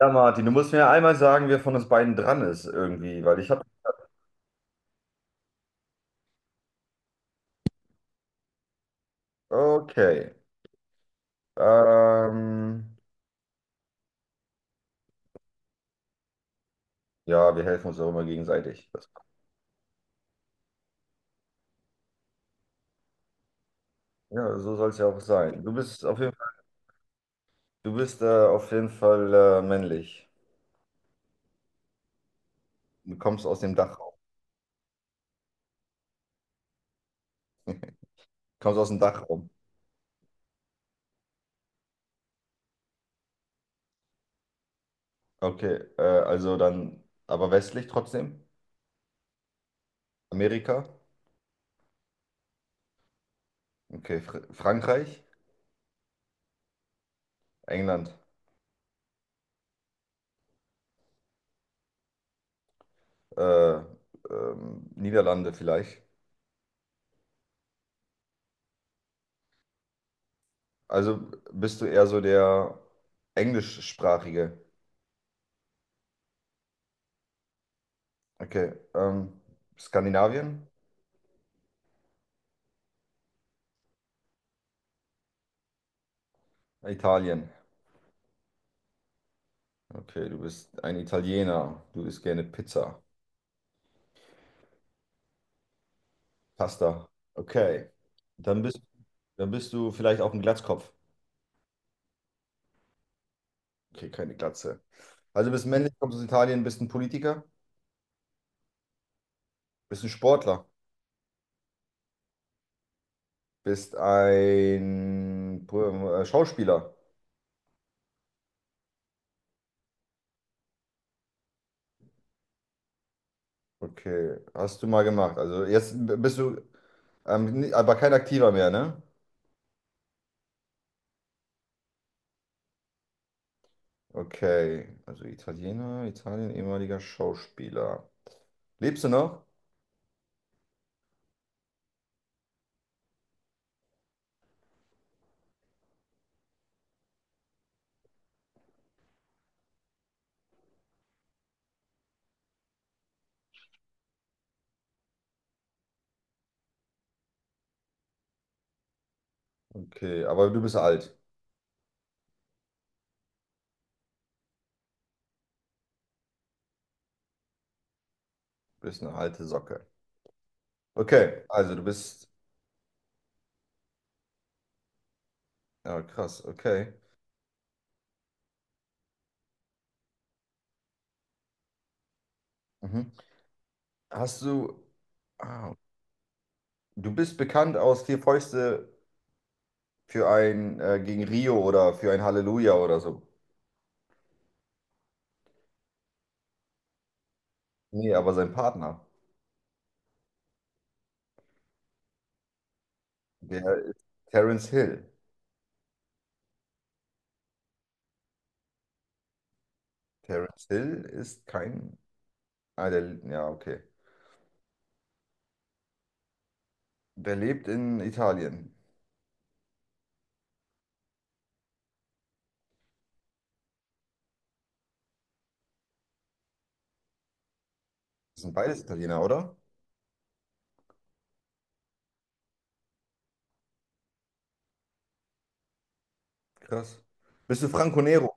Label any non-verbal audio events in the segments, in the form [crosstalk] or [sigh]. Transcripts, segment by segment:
Ja, Martin, du musst mir ja einmal sagen, wer von uns beiden dran ist irgendwie, weil ich habe. Okay. Ähm, ja, wir helfen uns auch immer gegenseitig. Das, ja, so soll es ja auch sein. Du bist auf jeden Fall, du bist auf jeden Fall männlich. Du kommst aus dem Dachraum. Kommst aus dem Dachraum. Okay. Also dann, aber westlich trotzdem? Amerika? Okay. Fr Frankreich? England? Äh, Niederlande vielleicht? Also bist du eher so der englischsprachige? Okay, Skandinavien? Italien. Okay, du bist ein Italiener. Du isst gerne Pizza, Pasta. Okay, dann bist, dann bist du vielleicht auch ein Glatzkopf. Okay, keine Glatze. Also bist männlich, kommst aus Italien, bist ein Politiker, bist ein Sportler, bist ein Schauspieler. Okay, hast du mal gemacht. Also jetzt bist du, aber kein Aktiver mehr, ne? Okay, also Italiener, Italien, ehemaliger Schauspieler. Lebst du noch? Okay, aber du bist alt. Du bist eine alte Socke. Okay, also du bist. Ja, krass, okay. Mhm. Hast du. Ah, du bist bekannt aus Vier Fäuste für ein gegen Rio oder für ein Halleluja oder so. Nee, aber sein Partner. Der ist Terence Hill. Terence Hill ist kein. Ah, der, ja, okay. Der lebt in Italien. Das sind beides Italiener, oder? Krass. Bist du Franco Nero?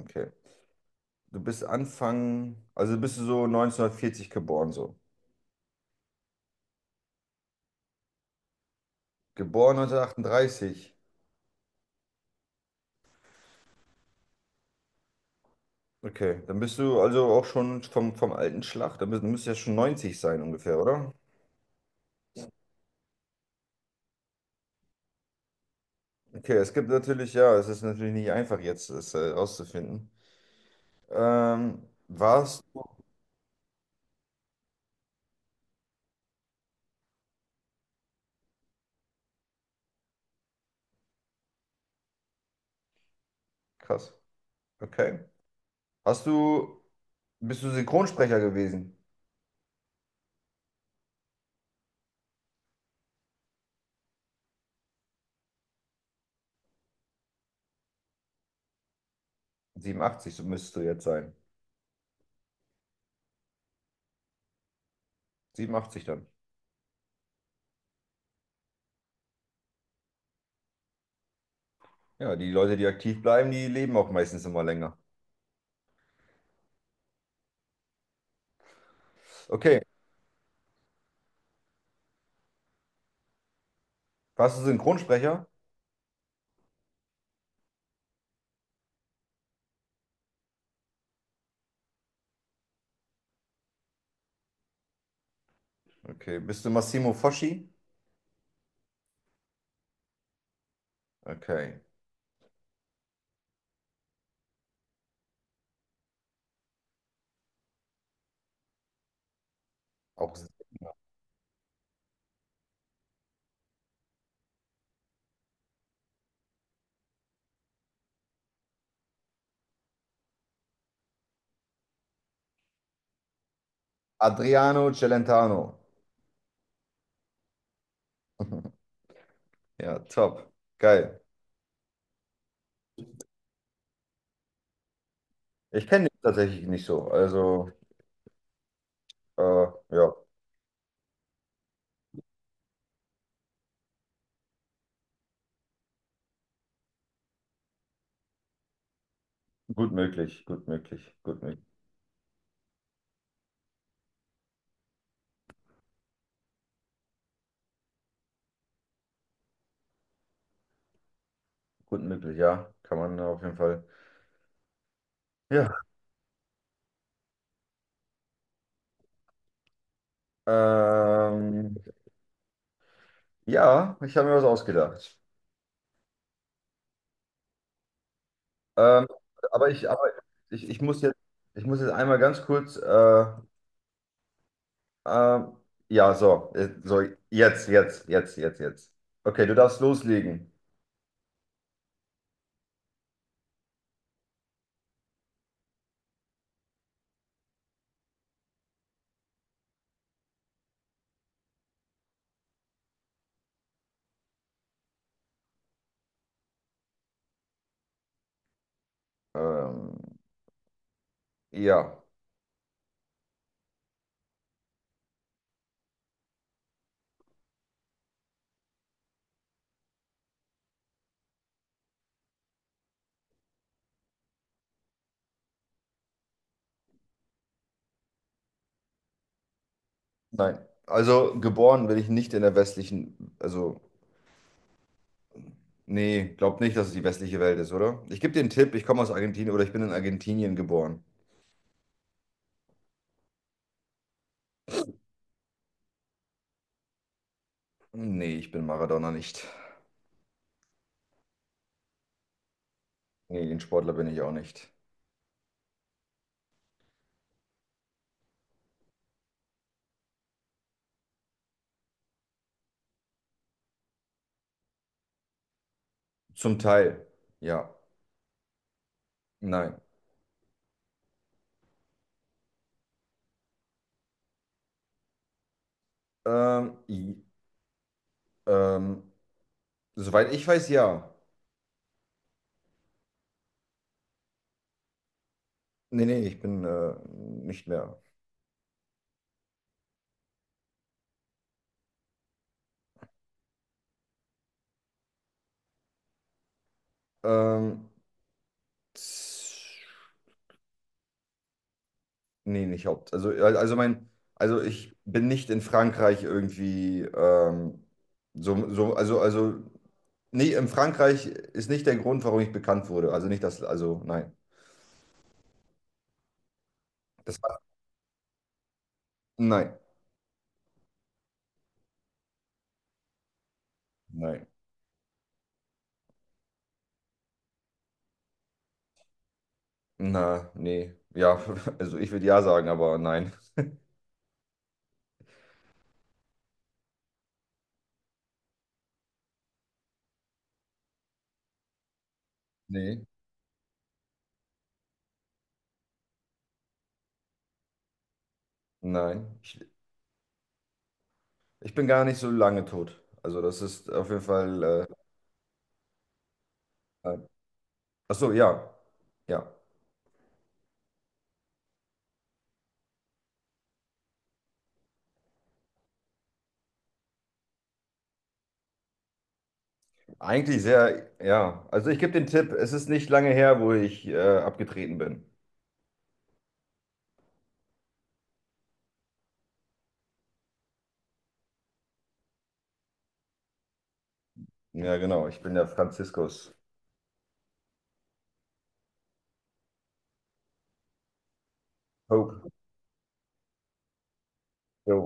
Okay. Du bist Anfang, also bist du so 1940 geboren, so. Geboren 1938. Okay, dann bist du also auch schon vom, vom alten Schlag. Dann bist, du müsstest ja schon 90 sein ungefähr, oder? Okay, es gibt natürlich, ja, es ist natürlich nicht einfach jetzt, es rauszufinden. Ähm, Warst, krass, okay. Hast du, bist du Synchronsprecher gewesen? 87, so müsstest du jetzt sein. 87 dann. Ja, die Leute, die aktiv bleiben, die leben auch meistens immer länger. Okay, warst du Synchronsprecher? Okay. Bist du Massimo Foschi? Okay. Auch Adriano Celentano. [laughs] Ja, top. Geil. Ich kenne dich tatsächlich nicht so. Also, äh, ja, gut möglich, gut möglich, gut möglich, gut möglich, ja. Kann man auf jeden Fall. Ja. Ähm, ja, ich habe mir was ausgedacht. Ähm, aber ich, ich muss jetzt einmal ganz kurz, äh, ja, so, so, jetzt, jetzt, jetzt, jetzt, jetzt. Okay, du darfst loslegen. Ähm, ja, nein. Also geboren bin ich nicht in der westlichen, also nee, glaub nicht, dass es die westliche Welt ist, oder? Ich gebe dir einen Tipp, ich komme aus Argentinien oder ich bin in Argentinien geboren. Nee, ich bin Maradona nicht. Nee, ein Sportler bin ich auch nicht. Zum Teil, ja. Nein. Ähm, i- ähm, soweit ich weiß, ja. Nee, nee, ich bin nicht mehr. Ähm, Nee, nicht Haupt. Also mein, also ich bin nicht in Frankreich irgendwie so, so, also, nee, in Frankreich ist nicht der Grund, warum ich bekannt wurde. Also nicht das, also nein. Das war, nein, nein. Na, nee. Ja, [laughs] also ich würde ja sagen, aber nein. Nee, nein. Ich bin gar nicht so lange tot. Also das ist auf jeden Fall, nein. Ach so, ja. Ja, eigentlich sehr, ja. Also ich gebe den Tipp, es ist nicht lange her, wo ich abgetreten bin. Ja, genau. Ich bin der Franziskus. Ho, ho.